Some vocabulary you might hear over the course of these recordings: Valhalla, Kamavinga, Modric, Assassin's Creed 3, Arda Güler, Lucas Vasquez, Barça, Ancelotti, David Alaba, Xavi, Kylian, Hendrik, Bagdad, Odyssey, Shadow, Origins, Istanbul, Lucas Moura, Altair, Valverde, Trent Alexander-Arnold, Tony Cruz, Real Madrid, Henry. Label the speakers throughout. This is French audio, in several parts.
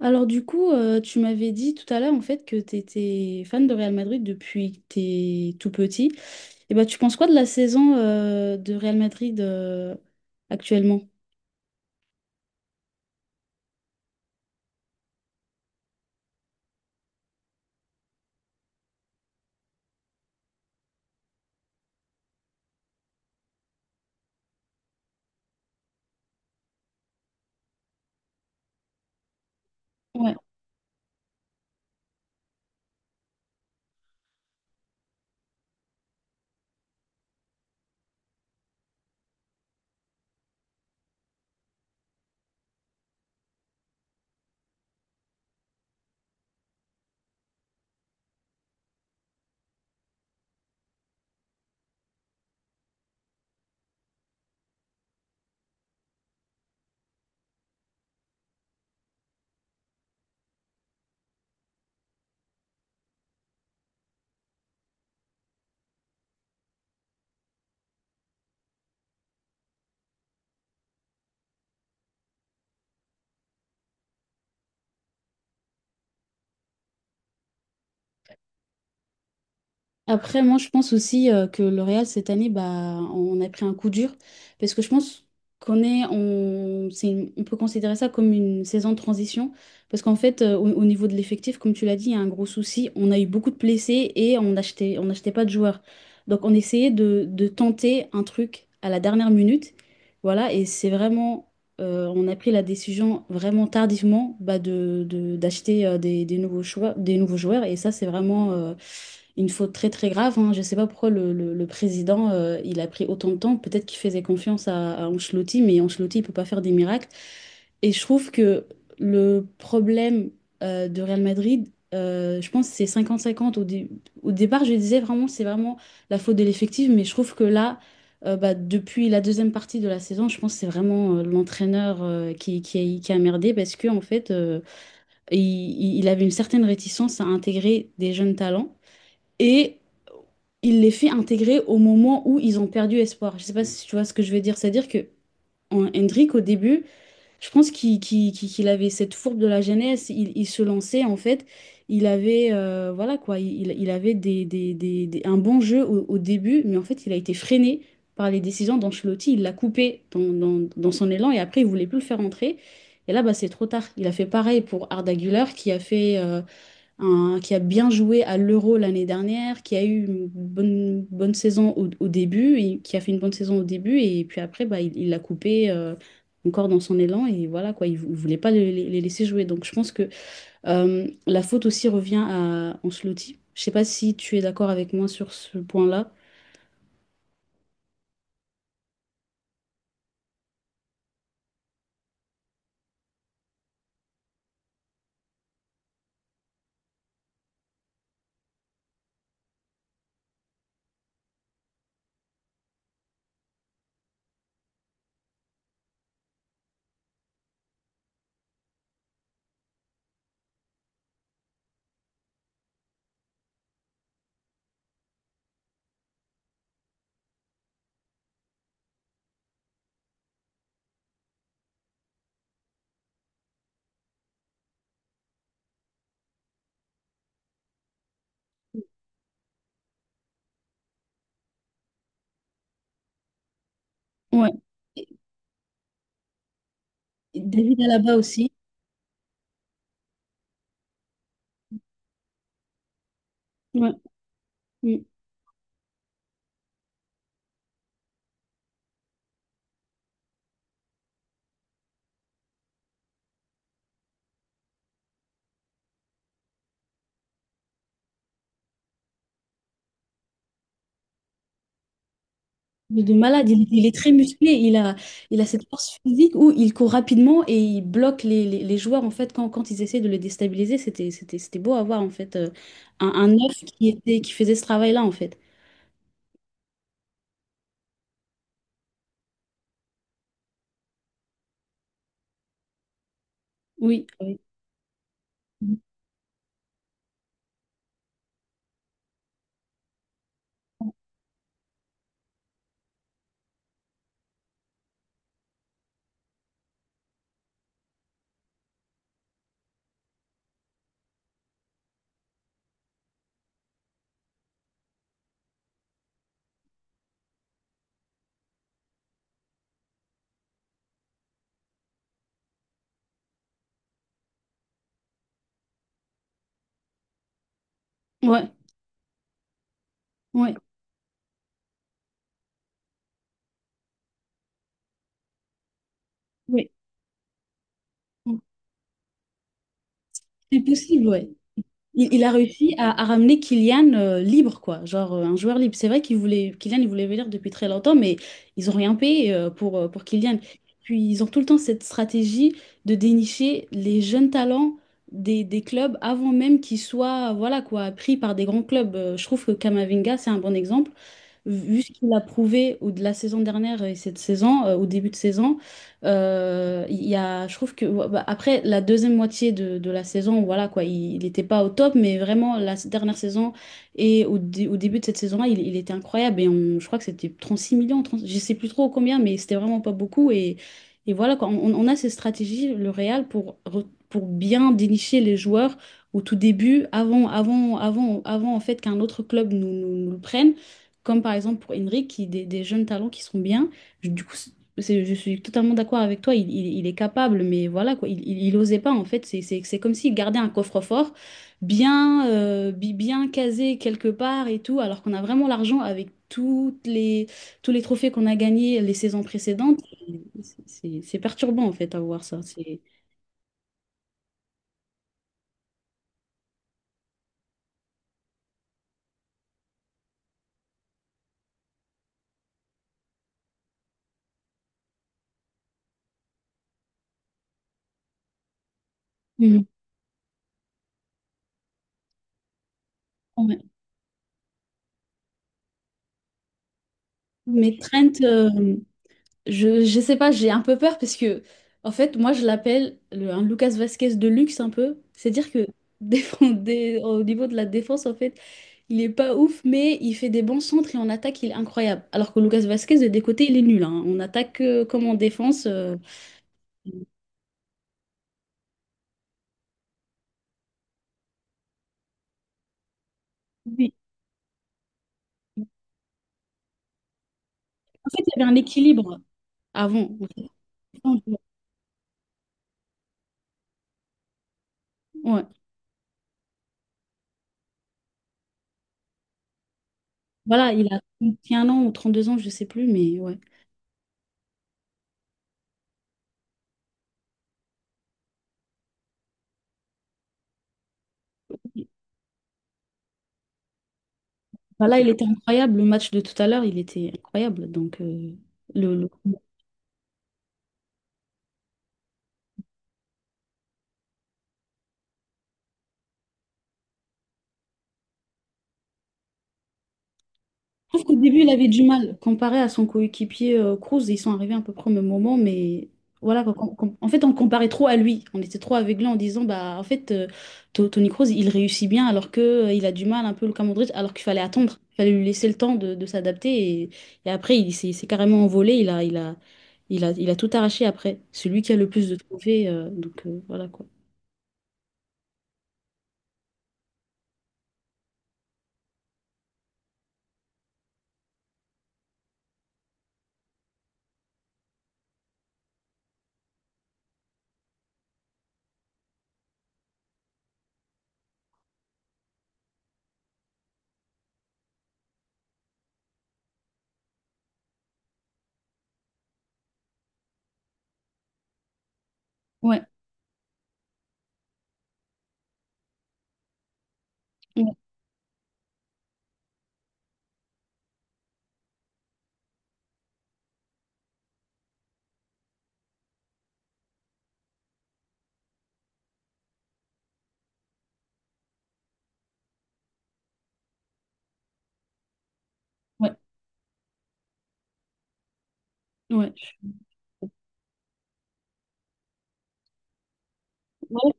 Speaker 1: Alors du coup, tu m'avais dit tout à l'heure en fait que tu étais fan de Real Madrid depuis que t'es tout petit. Et bah tu penses quoi de la saison de Real Madrid actuellement? Après, moi, je pense aussi que le Real, cette année, bah, on a pris un coup dur. Parce que je pense on peut considérer ça comme une saison de transition. Parce qu'en fait, au niveau de l'effectif, comme tu l'as dit, il y a un gros souci. On a eu beaucoup de blessés et on n'achetait pas de joueurs. Donc, on essayait de tenter un truc à la dernière minute. Voilà, et c'est vraiment, on a pris la décision vraiment tardivement bah, d'acheter des nouveaux choix, des nouveaux joueurs. Et ça, c'est vraiment, une faute très très grave, hein. Je ne sais pas pourquoi le président il a pris autant de temps. Peut-être qu'il faisait confiance à Ancelotti, mais Ancelotti il peut pas faire des miracles. Et je trouve que le problème de Real Madrid, je pense que c'est 50-50. Au départ, je disais vraiment c'est vraiment la faute de l'effectif, mais je trouve que là, bah, depuis la deuxième partie de la saison, je pense que c'est vraiment l'entraîneur qui a merdé parce que en fait, il avait une certaine réticence à intégrer des jeunes talents et il les fait intégrer au moment où ils ont perdu espoir. Je sais pas si tu vois ce que je veux dire. C'est-à-dire que Hendrik, au début, je pense qu'il avait cette fourbe de la jeunesse. Il se lançait, en fait. Il avait, voilà quoi, il avait un bon jeu au début, mais en fait, il a été freiné par les décisions d'Ancelotti. Il l'a coupé dans son élan et après, il voulait plus le faire entrer. Et là, bah, c'est trop tard. Il a fait pareil pour Arda Güler qui a bien joué à l'Euro l'année dernière, qui a eu une bonne saison au début, et qui a fait une bonne saison au début, et puis après, bah, il l'a coupé encore dans son élan, et voilà, quoi, il ne voulait pas les laisser jouer. Donc je pense que la faute aussi revient à Ancelotti. Je sais pas si tu es d'accord avec moi sur ce point-là. Ouais. Et David Alaba aussi. Ouais. Mais de malade, il est très musclé, il a cette force physique où il court rapidement et il bloque les joueurs en fait quand ils essaient de le déstabiliser. C'était beau à voir en fait un neuf qui était, qui faisait ce travail-là en fait. Oui, oui. Ouais, ouais, ouais. C'est possible, ouais. Il a réussi à ramener Kylian libre, quoi. Genre un joueur libre. C'est vrai qu'il voulait, Kylian, il voulait venir depuis très longtemps, mais ils ont rien payé pour Kylian. Puis ils ont tout le temps cette stratégie de dénicher les jeunes talents des clubs avant même qu'ils soient, voilà quoi, pris par des grands clubs. Je trouve que Kamavinga, c'est un bon exemple. Vu ce qu'il a prouvé de la saison dernière et cette saison, au début de saison, je trouve que ouais, bah, après la deuxième moitié de la saison, voilà quoi, il n'était pas au top, mais vraiment la dernière saison et au début de cette saison-là, il était incroyable. Et je crois que c'était 36 millions, 30 je sais plus trop combien, mais c'était vraiment pas beaucoup. Et voilà quoi, on a ces stratégies, le Real, pour bien dénicher les joueurs au tout début, avant en fait qu'un autre club nous le prenne. Comme par exemple pour Henry, qui des jeunes talents qui sont bien. Du coup, je suis totalement d'accord avec toi, il est capable, mais voilà quoi, il osait pas en fait. C'est comme s'il gardait un coffre-fort bien casé quelque part et tout, alors qu'on a vraiment l'argent avec tous les trophées qu'on a gagnés les saisons précédentes. Et c'est perturbant en fait à voir ça. C'est. Mhm. Ouais. Mais Trent, je sais pas, j'ai un peu peur parce que, en fait, moi, je l'appelle un Lucas Vasquez de luxe un peu. C'est-à-dire que au niveau de la défense, en fait, il est pas ouf, mais il fait des bons centres et en attaque, il est incroyable. Alors que Lucas Vasquez, de des côtés, il est nul, hein. On attaque comme en défense. Oui. En fait, il y avait un équilibre avant. Ouais. Voilà, il a 31 ans ou 32 ans, je sais plus, mais ouais. Voilà, il était incroyable. Le match de tout à l'heure, il était incroyable. Donc, le, le- trouve qu'au début, il avait du mal comparé à son coéquipier Cruz. Ils sont arrivés à peu près au même moment, mais voilà, quoi, en fait, on comparait trop à lui. On était trop aveuglés en disant, bah, en fait, Tony Cruz, il réussit bien alors que il a du mal un peu le cas Modric, alors qu'il fallait attendre. Il fallait lui laisser le temps de s'adapter. Et après, il s'est carrément envolé. Il a tout arraché après. C'est lui qui a le plus de trophées, donc voilà quoi. Ouais, ouais, ouais. Ouais.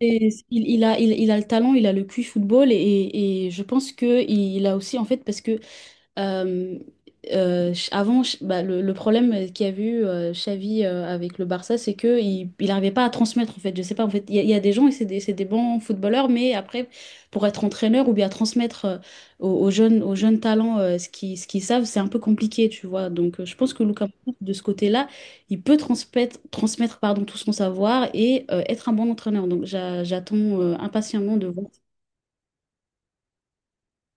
Speaker 1: Et il a le talent, il a le QI football et je pense que il a aussi en fait parce que euh, bah, le problème qu'il y a eu Xavi avec le Barça, c'est que il n'arrivait pas à transmettre en fait. Je sais pas en fait, il y a des gens et c'est des bons footballeurs, mais après pour être entraîneur ou bien transmettre aux jeunes talents ce qu'ils savent, c'est un peu compliqué, tu vois. Donc je pense que Lucas Moura, de ce côté-là, il peut transmettre pardon tout son savoir et être un bon entraîneur. Donc j'attends impatiemment de voir.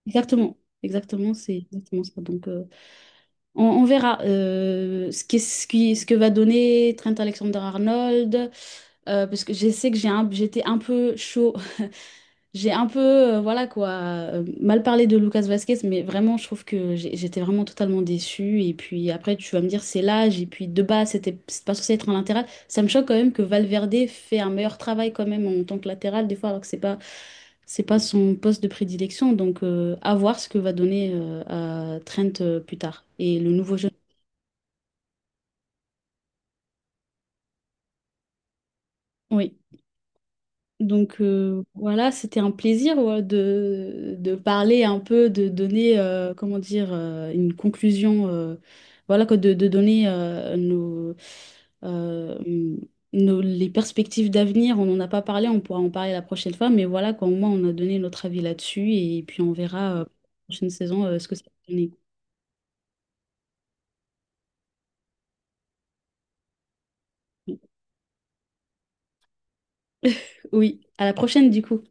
Speaker 1: Exactement, exactement, c'est exactement ça. Donc on verra ce que va donner Trent Alexander-Arnold, parce que je sais que j'étais un peu chaud, j'ai un peu, voilà quoi, mal parlé de Lucas Vasquez, mais vraiment, je trouve que j'étais vraiment totalement déçue. Et puis après, tu vas me dire, c'est l'âge, et puis de base, c'est pas censé être un latéral. Ça me choque quand même que Valverde fait un meilleur travail quand même en tant que latéral, des fois, alors que c'est pas son poste de prédilection. Donc, à voir ce que va donner à Trent plus tard. Et le nouveau jeune. Oui, donc voilà, c'était un plaisir ouais, de parler un peu, de donner, comment dire, une conclusion, voilà, quoi, de donner euh, les perspectives d'avenir. On n'en a pas parlé, on pourra en parler la prochaine fois, mais voilà, quoi, au moins on a donné notre avis là-dessus et puis on verra la prochaine saison ce que ça va donner. Oui, à la prochaine du coup.